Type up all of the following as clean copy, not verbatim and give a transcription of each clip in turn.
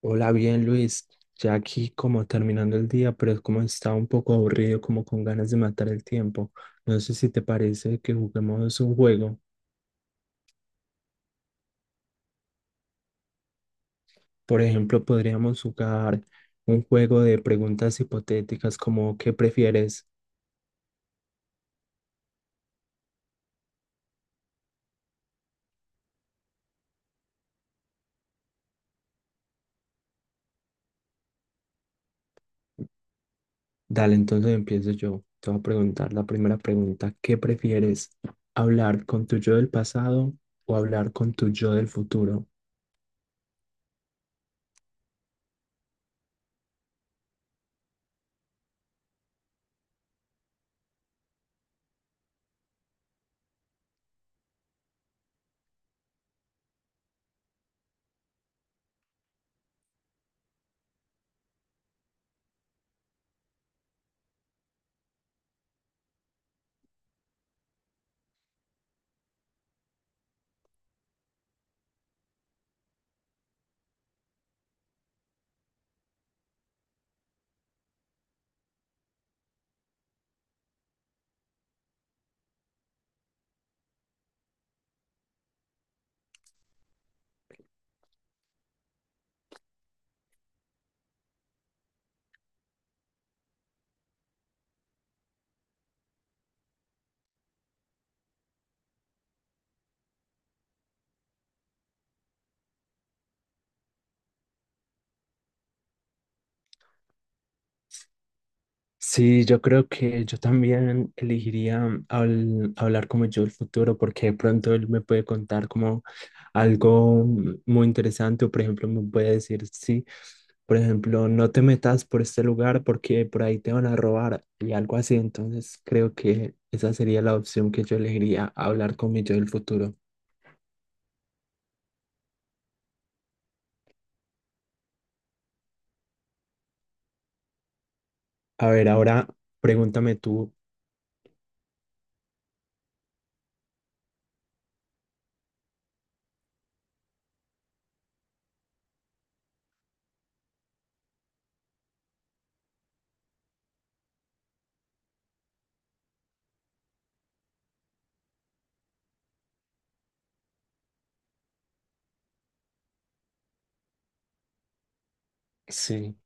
Hola, bien Luis, ya aquí como terminando el día, pero es como estaba un poco aburrido, como con ganas de matar el tiempo. No sé si te parece que juguemos un juego. Por ejemplo, podríamos jugar un juego de preguntas hipotéticas como ¿qué prefieres? Dale, entonces empiezo yo. Te voy a preguntar la primera pregunta. ¿Qué prefieres? ¿Hablar con tu yo del pasado o hablar con tu yo del futuro? Sí, yo creo que yo también elegiría hablar como yo el futuro porque de pronto él me puede contar como algo muy interesante o por ejemplo me puede decir, sí, por ejemplo, no te metas por este lugar porque por ahí te van a robar y algo así. Entonces creo que esa sería la opción que yo elegiría, hablar con mi yo del futuro. A ver, ahora pregúntame tú. Sí.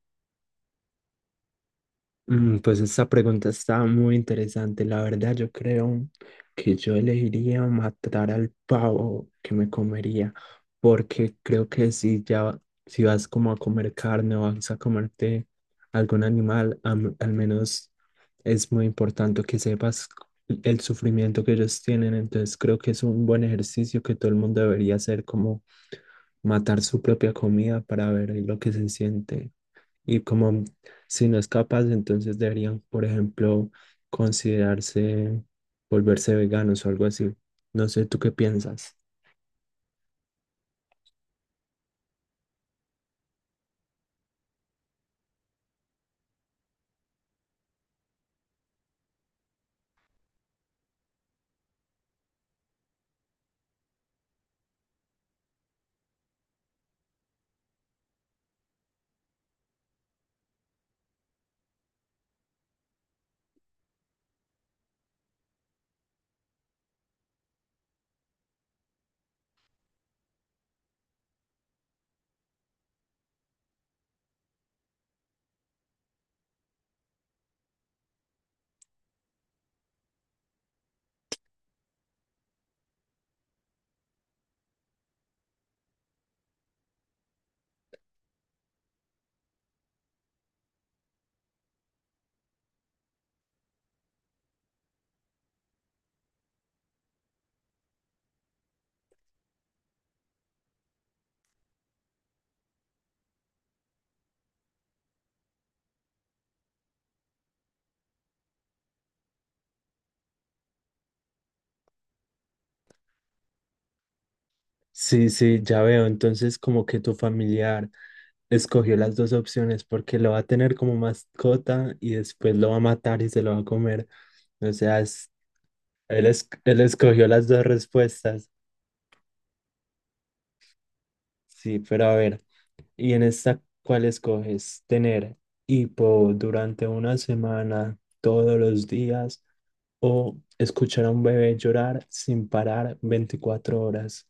Mm, pues esta pregunta está muy interesante. La verdad, yo creo que yo elegiría matar al pavo que me comería, porque creo que si ya, si vas como a comer carne o vas a comerte algún animal, al menos es muy importante que sepas el sufrimiento que ellos tienen. Entonces creo que es un buen ejercicio que todo el mundo debería hacer, como matar su propia comida para ver lo que se siente y como si no es capaz, entonces deberían, por ejemplo, considerarse volverse veganos o algo así. No sé, ¿tú qué piensas? Sí, sí, ya veo. Entonces, como que tu familiar escogió las dos opciones porque lo va a tener como mascota y después lo va a matar y se lo va a comer. O sea, él, él escogió las dos respuestas. Sí, pero a ver, ¿y en esta cuál escoges? ¿Tener hipo durante una semana, todos los días? O escuchar a un bebé llorar sin parar 24 horas.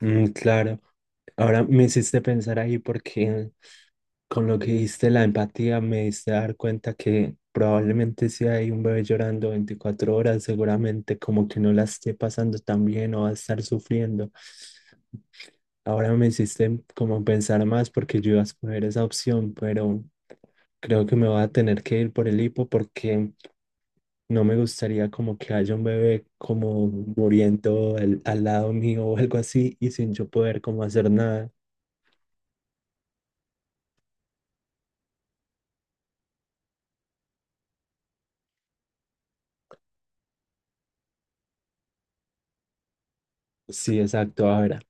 Mm, claro. Ahora me hiciste pensar ahí porque con lo que diste la empatía me diste dar cuenta que probablemente si hay un bebé llorando 24 horas, seguramente como que no la esté pasando tan bien o va a estar sufriendo. Ahora me hiciste como pensar más porque yo iba a escoger esa opción, pero creo que me voy a tener que ir por el hipo porque no me gustaría como que haya un bebé como muriendo al lado mío o algo así y sin yo poder como hacer nada. Sí, exacto. Ahora,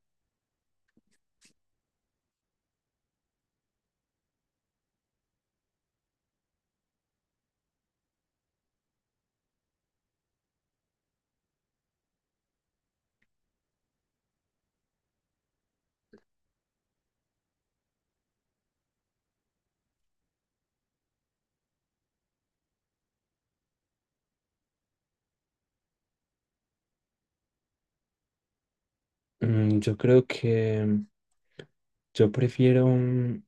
mm, yo creo que yo prefiero mm,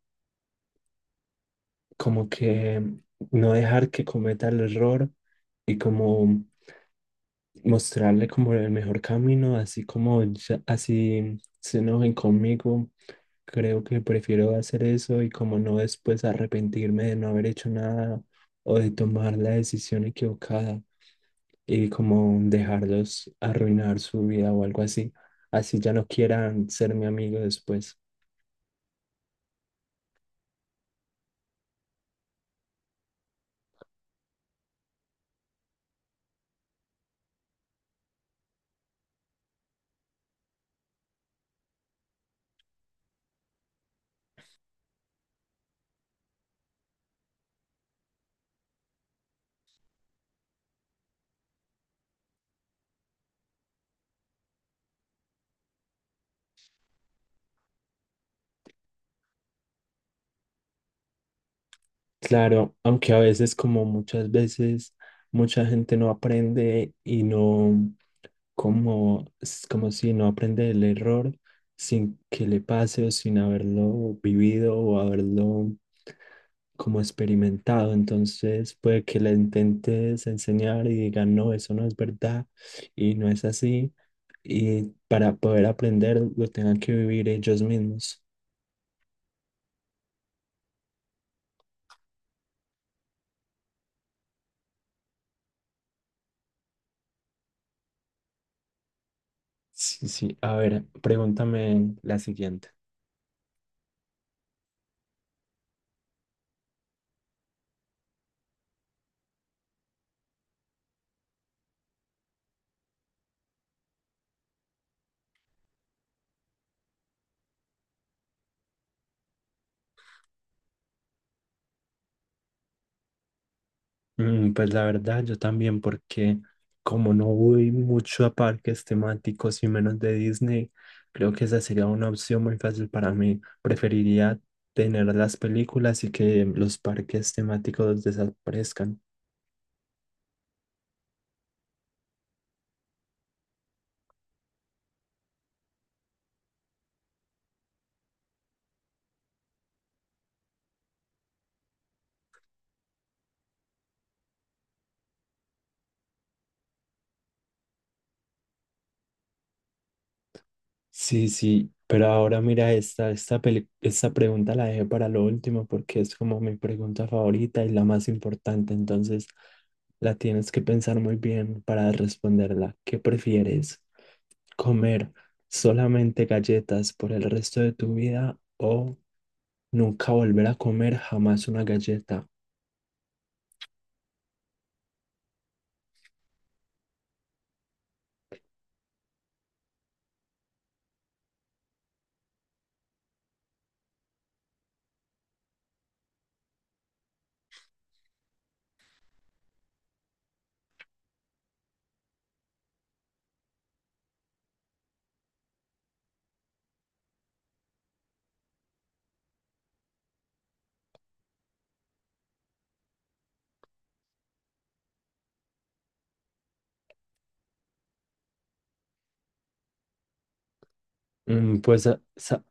como que no dejar que cometa el error y como mostrarle como el mejor camino, así como así se enojen conmigo. Creo que prefiero hacer eso y como no después arrepentirme de no haber hecho nada o de tomar la decisión equivocada y como dejarlos arruinar su vida o algo así. Así ya no quieran ser mi amigo después. Claro, aunque a veces, como muchas veces, mucha gente no aprende y no, como, es como si no aprende el error sin que le pase o sin haberlo vivido o haberlo como experimentado. Entonces puede que le intentes enseñar y digan, no, eso no es verdad y no es así. Y para poder aprender lo tengan que vivir ellos mismos. Sí, sí. A ver, pregúntame la siguiente. Mm, pues la verdad, yo también, porque como no voy mucho a parques temáticos y menos de Disney, creo que esa sería una opción muy fácil para mí. Preferiría tener las películas y que los parques temáticos desaparezcan. Sí, sí, pero ahora mira, esta pregunta la dejé para lo último porque es como mi pregunta favorita y la más importante, entonces la tienes que pensar muy bien para responderla. ¿Qué prefieres? Comer solamente galletas por el resto de tu vida o nunca volver a comer jamás una galleta. Mm, pues sa- sa-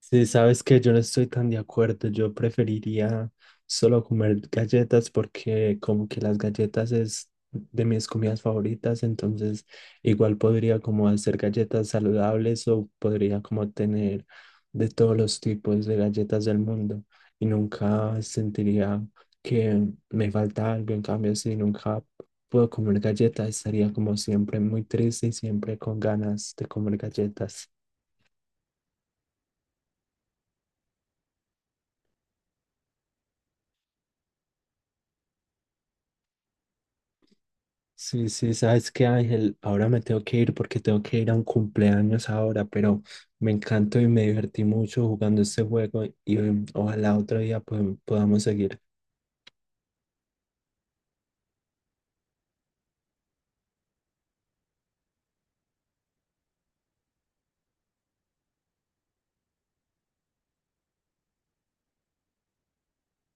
Sí, sabes que yo no estoy tan de acuerdo. Yo preferiría solo comer galletas porque como que las galletas es de mis comidas favoritas, entonces igual podría como hacer galletas saludables o podría como tener de todos los tipos de galletas del mundo y nunca sentiría que me falta algo. En cambio, si nunca puedo comer galletas, estaría como siempre muy triste y siempre con ganas de comer galletas. Sí, sí, sabes qué, Ángel, ahora me tengo que ir porque tengo que ir a un cumpleaños ahora, pero me encantó y me divertí mucho jugando este juego y mm, ojalá otro día pues, podamos seguir.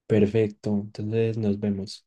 Perfecto, entonces nos vemos.